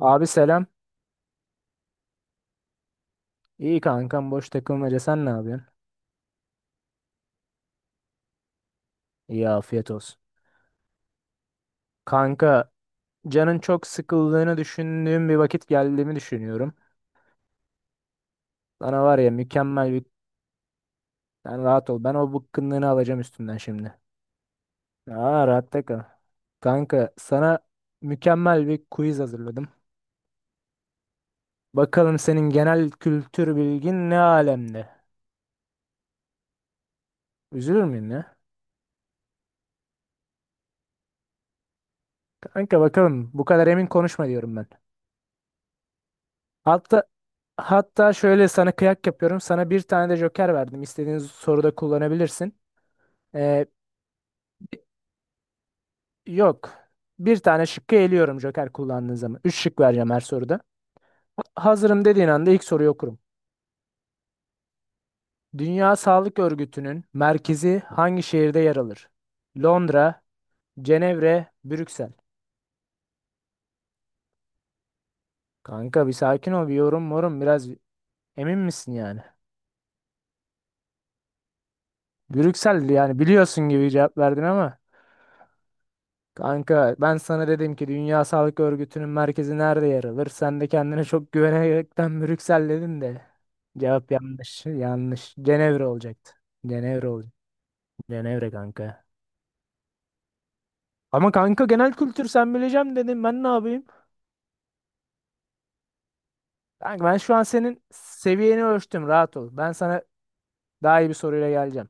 Abi selam. İyi kankam boş takılmaca sen ne yapıyorsun? İyi afiyet olsun. Kanka canın çok sıkıldığını düşündüğüm bir vakit geldiğimi düşünüyorum. Sana var ya mükemmel bir... Sen rahat ol. Ben o bıkkınlığını alacağım üstünden şimdi. Aa rahatta kal. Kanka sana mükemmel bir quiz hazırladım. Bakalım senin genel kültür bilgin ne alemde? Üzülür müyüm ya? Kanka bakalım bu kadar emin konuşma diyorum ben. Hatta hatta şöyle sana kıyak yapıyorum. Sana bir tane de joker verdim. İstediğin soruda kullanabilirsin. Ee, yok. Bir tane şıkkı eliyorum joker kullandığın zaman. Üç şık vereceğim her soruda. Hazırım dediğin anda ilk soruyu okurum. Dünya Sağlık Örgütü'nün merkezi hangi şehirde yer alır? Londra, Cenevre, Brüksel. Kanka bir sakin ol, bir yorum morum biraz emin misin yani? Brüksel yani biliyorsun gibi cevap verdin ama. Kanka ben sana dedim ki Dünya Sağlık Örgütü'nün merkezi nerede yer alır? Sen de kendine çok güvenerekten Brüksel dedin de. Cevap yanlış. Yanlış. Cenevre olacaktı. Cenevre olacak. Cenevre kanka. Ama kanka genel kültür sen bileceğim dedim. Ben ne yapayım? Kanka ben şu an senin seviyeni ölçtüm. Rahat ol. Ben sana daha iyi bir soruyla geleceğim.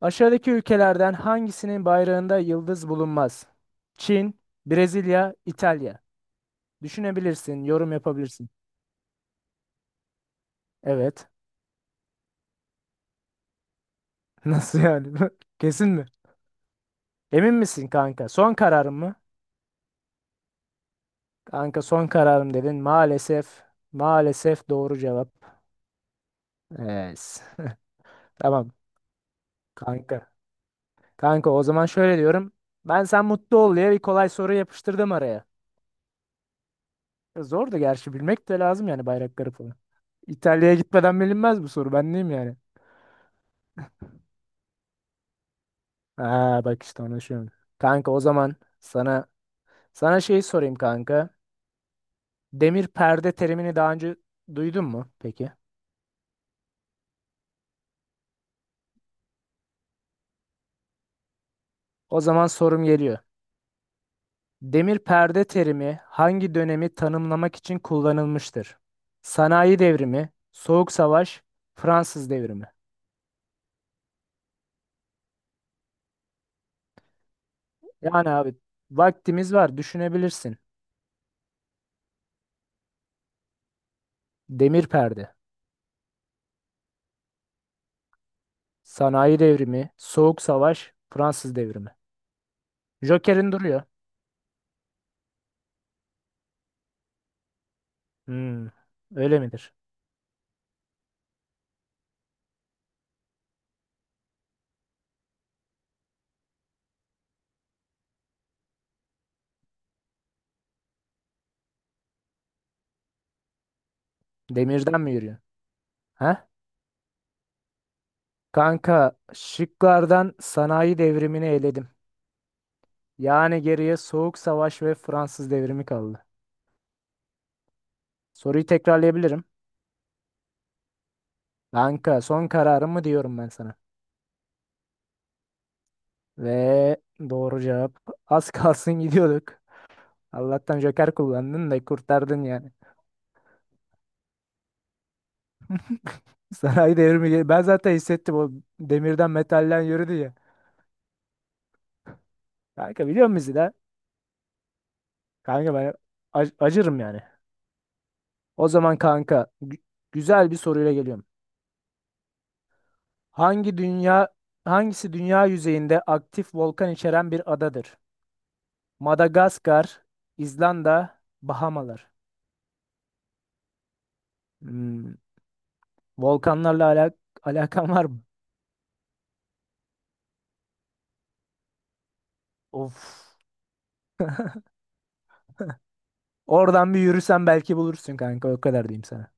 Aşağıdaki ülkelerden hangisinin bayrağında yıldız bulunmaz? Çin, Brezilya, İtalya. Düşünebilirsin, yorum yapabilirsin. Evet. Nasıl yani? Kesin mi? Emin misin kanka? Son kararın mı? Kanka son kararım dedin. Maalesef. Maalesef doğru cevap. Evet. Tamam kanka. Kanka o zaman şöyle diyorum. Ben sen mutlu ol diye bir kolay soru yapıştırdım araya. Zordu gerçi bilmek de lazım yani bayrakları falan. İtalya'ya gitmeden bilinmez bu soru. Ben neyim yani? Aa bak işte onu düşünüyorum. Kanka o zaman sana şeyi sorayım kanka. Demir perde terimini daha önce duydun mu peki? O zaman sorum geliyor. Demir perde terimi hangi dönemi tanımlamak için kullanılmıştır? Sanayi devrimi, Soğuk Savaş, Fransız devrimi. Yani abi vaktimiz var düşünebilirsin. Demir perde, sanayi devrimi, Soğuk Savaş, Fransız devrimi. Joker'in duruyor. Hmm, öyle midir? Demirden mi yürüyor? Ha? Kanka şıklardan sanayi devrimini eledim. Yani geriye Soğuk Savaş ve Fransız devrimi kaldı. Soruyu tekrarlayabilirim. Kanka son kararımı diyorum ben sana. Ve doğru cevap. Az kalsın gidiyorduk. Allah'tan Joker kullandın da kurtardın yani. Sanayi devrimi. Ben zaten hissettim o demirden metalden yürüdü ya. Kanka biliyor musun bizi de? Kanka ben acırım yani. O zaman kanka güzel bir soruyla geliyorum. Hangi dünya Hangisi dünya yüzeyinde aktif volkan içeren bir adadır? Madagaskar, İzlanda, Bahamalar. Hmm, volkanlarla alak alakan var mı? Of. Oradan bir yürüsen belki bulursun kanka. O kadar diyeyim sana.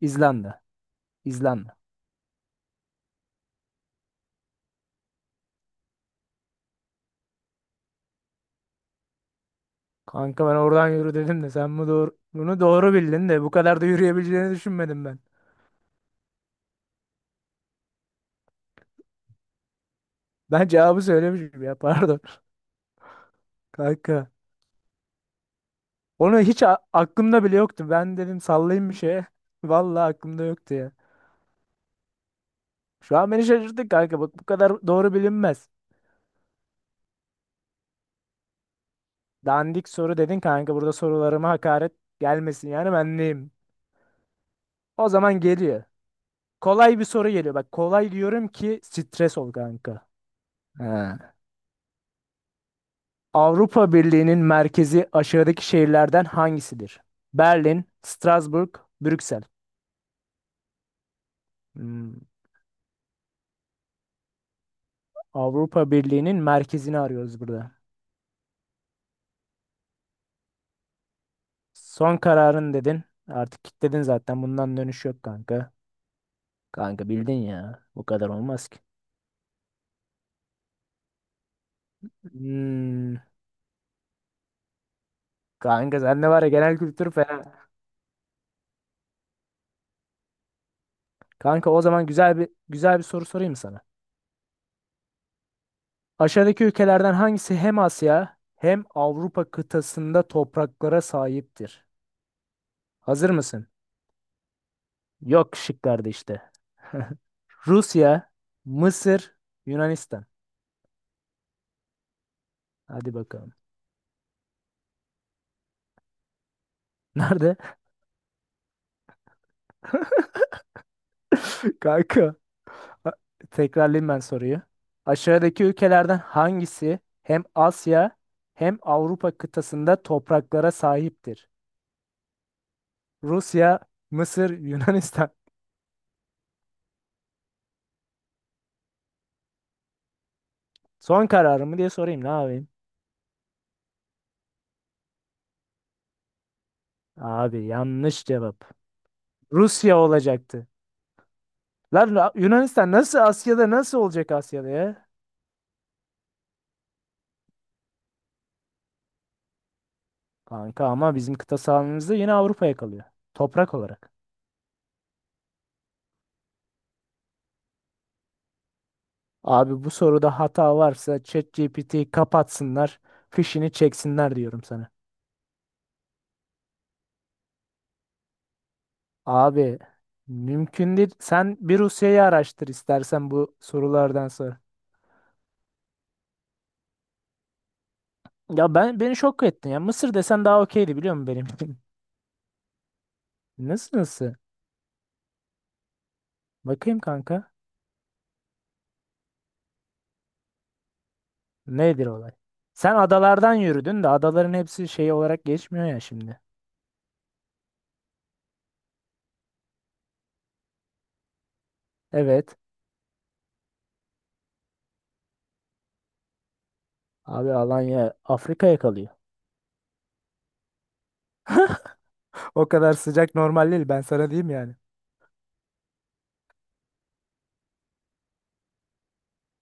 İzlanda. İzlanda. Kanka ben oradan yürü dedim de sen bu doğru, bunu doğru bildin de bu kadar da yürüyebileceğini düşünmedim ben. Ben cevabı söylemişim ya pardon. Kanka. Onu hiç aklımda bile yoktu. Ben dedim sallayayım bir şeye. Vallahi aklımda yoktu ya. Şu an beni şaşırttın kanka. Bak bu kadar doğru bilinmez. Dandik soru dedin kanka. Burada sorularıma hakaret gelmesin yani ben neyim? O zaman geliyor. Kolay bir soru geliyor. Bak kolay diyorum ki stres ol kanka. Ha. Avrupa Birliği'nin merkezi aşağıdaki şehirlerden hangisidir? Berlin, Strasbourg, Brüksel. Hmm. Avrupa Birliği'nin merkezini arıyoruz burada. Son kararın dedin. Artık kilitledin zaten. Bundan dönüş yok kanka. Kanka bildin ya. Bu kadar olmaz ki. Hmm. Kanka sende var ya genel kültür fena. Kanka o zaman güzel bir soru sorayım sana. Aşağıdaki ülkelerden hangisi hem Asya hem Avrupa kıtasında topraklara sahiptir? Hazır mısın? Yok şıklarda işte. Rusya, Mısır, Yunanistan. Hadi bakalım. Nerede? Kanka. a- Tekrarlayayım ben soruyu. Aşağıdaki ülkelerden hangisi hem Asya hem Avrupa kıtasında topraklara sahiptir? Rusya, Mısır, Yunanistan. Son kararımı diye sorayım ne yapayım? Abi yanlış cevap. Rusya olacaktı. Yunanistan nasıl Asya'da nasıl olacak Asya'da ya? Kanka ama bizim kıta sahamızda yine Avrupa'ya kalıyor. Toprak olarak. Abi bu soruda hata varsa ChatGPT'yi kapatsınlar. Fişini çeksinler diyorum sana. Abi mümkün değil. Sen bir Rusya'yı araştır istersen bu sorulardan sonra. Ya ben beni şok ettin ya. Mısır desen daha okeydi biliyor musun benim için? Nasıl nasıl? Bakayım kanka. Nedir olay? Sen adalardan yürüdün de adaların hepsi şey olarak geçmiyor ya şimdi. Evet. Abi Alanya Afrika'ya kalıyor. O kadar sıcak normal değil ben sana diyeyim yani.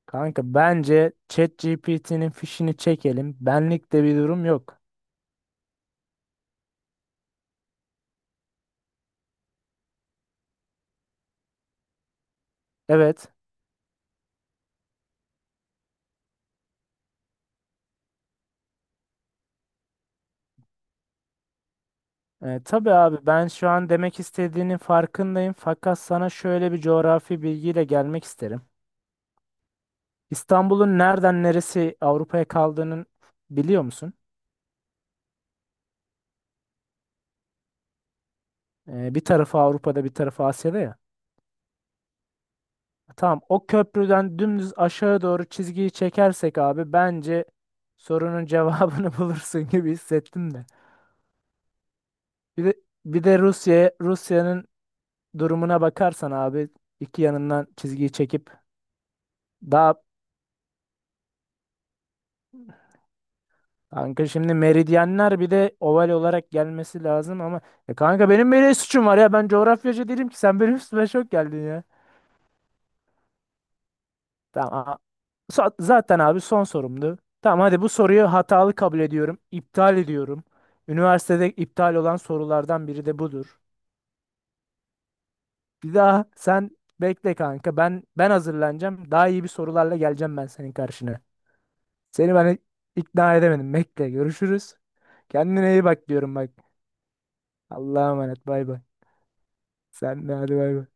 Kanka bence ChatGPT'nin fişini çekelim. Benlik de bir durum yok. Evet. E, tabii abi ben şu an demek istediğinin farkındayım. Fakat sana şöyle bir coğrafi bilgiyle gelmek isterim. İstanbul'un nereden neresi Avrupa'ya kaldığının biliyor musun? E, bir tarafı Avrupa'da bir tarafı Asya'da ya. Tamam o köprüden dümdüz aşağı doğru çizgiyi çekersek abi bence sorunun cevabını bulursun gibi hissettim de. Bir de bir de Rusya'nın durumuna bakarsan abi iki yanından çizgiyi çekip daha kanka şimdi meridyenler bir de oval olarak gelmesi lazım ama ya kanka benim böyle suçum var ya ben coğrafyacı değilim ki sen benim üstüme şok geldin ya. Tamam Zaten abi son sorumdu. Tamam hadi bu soruyu hatalı kabul ediyorum. İptal ediyorum. Üniversitede iptal olan sorulardan biri de budur. Bir daha sen bekle kanka. Ben hazırlanacağım. Daha iyi bir sorularla geleceğim ben senin karşına. Seni ben ikna edemedim. Bekle görüşürüz. Kendine iyi bak diyorum bak. Allah'a emanet bay bay. Sen de hadi bay bay.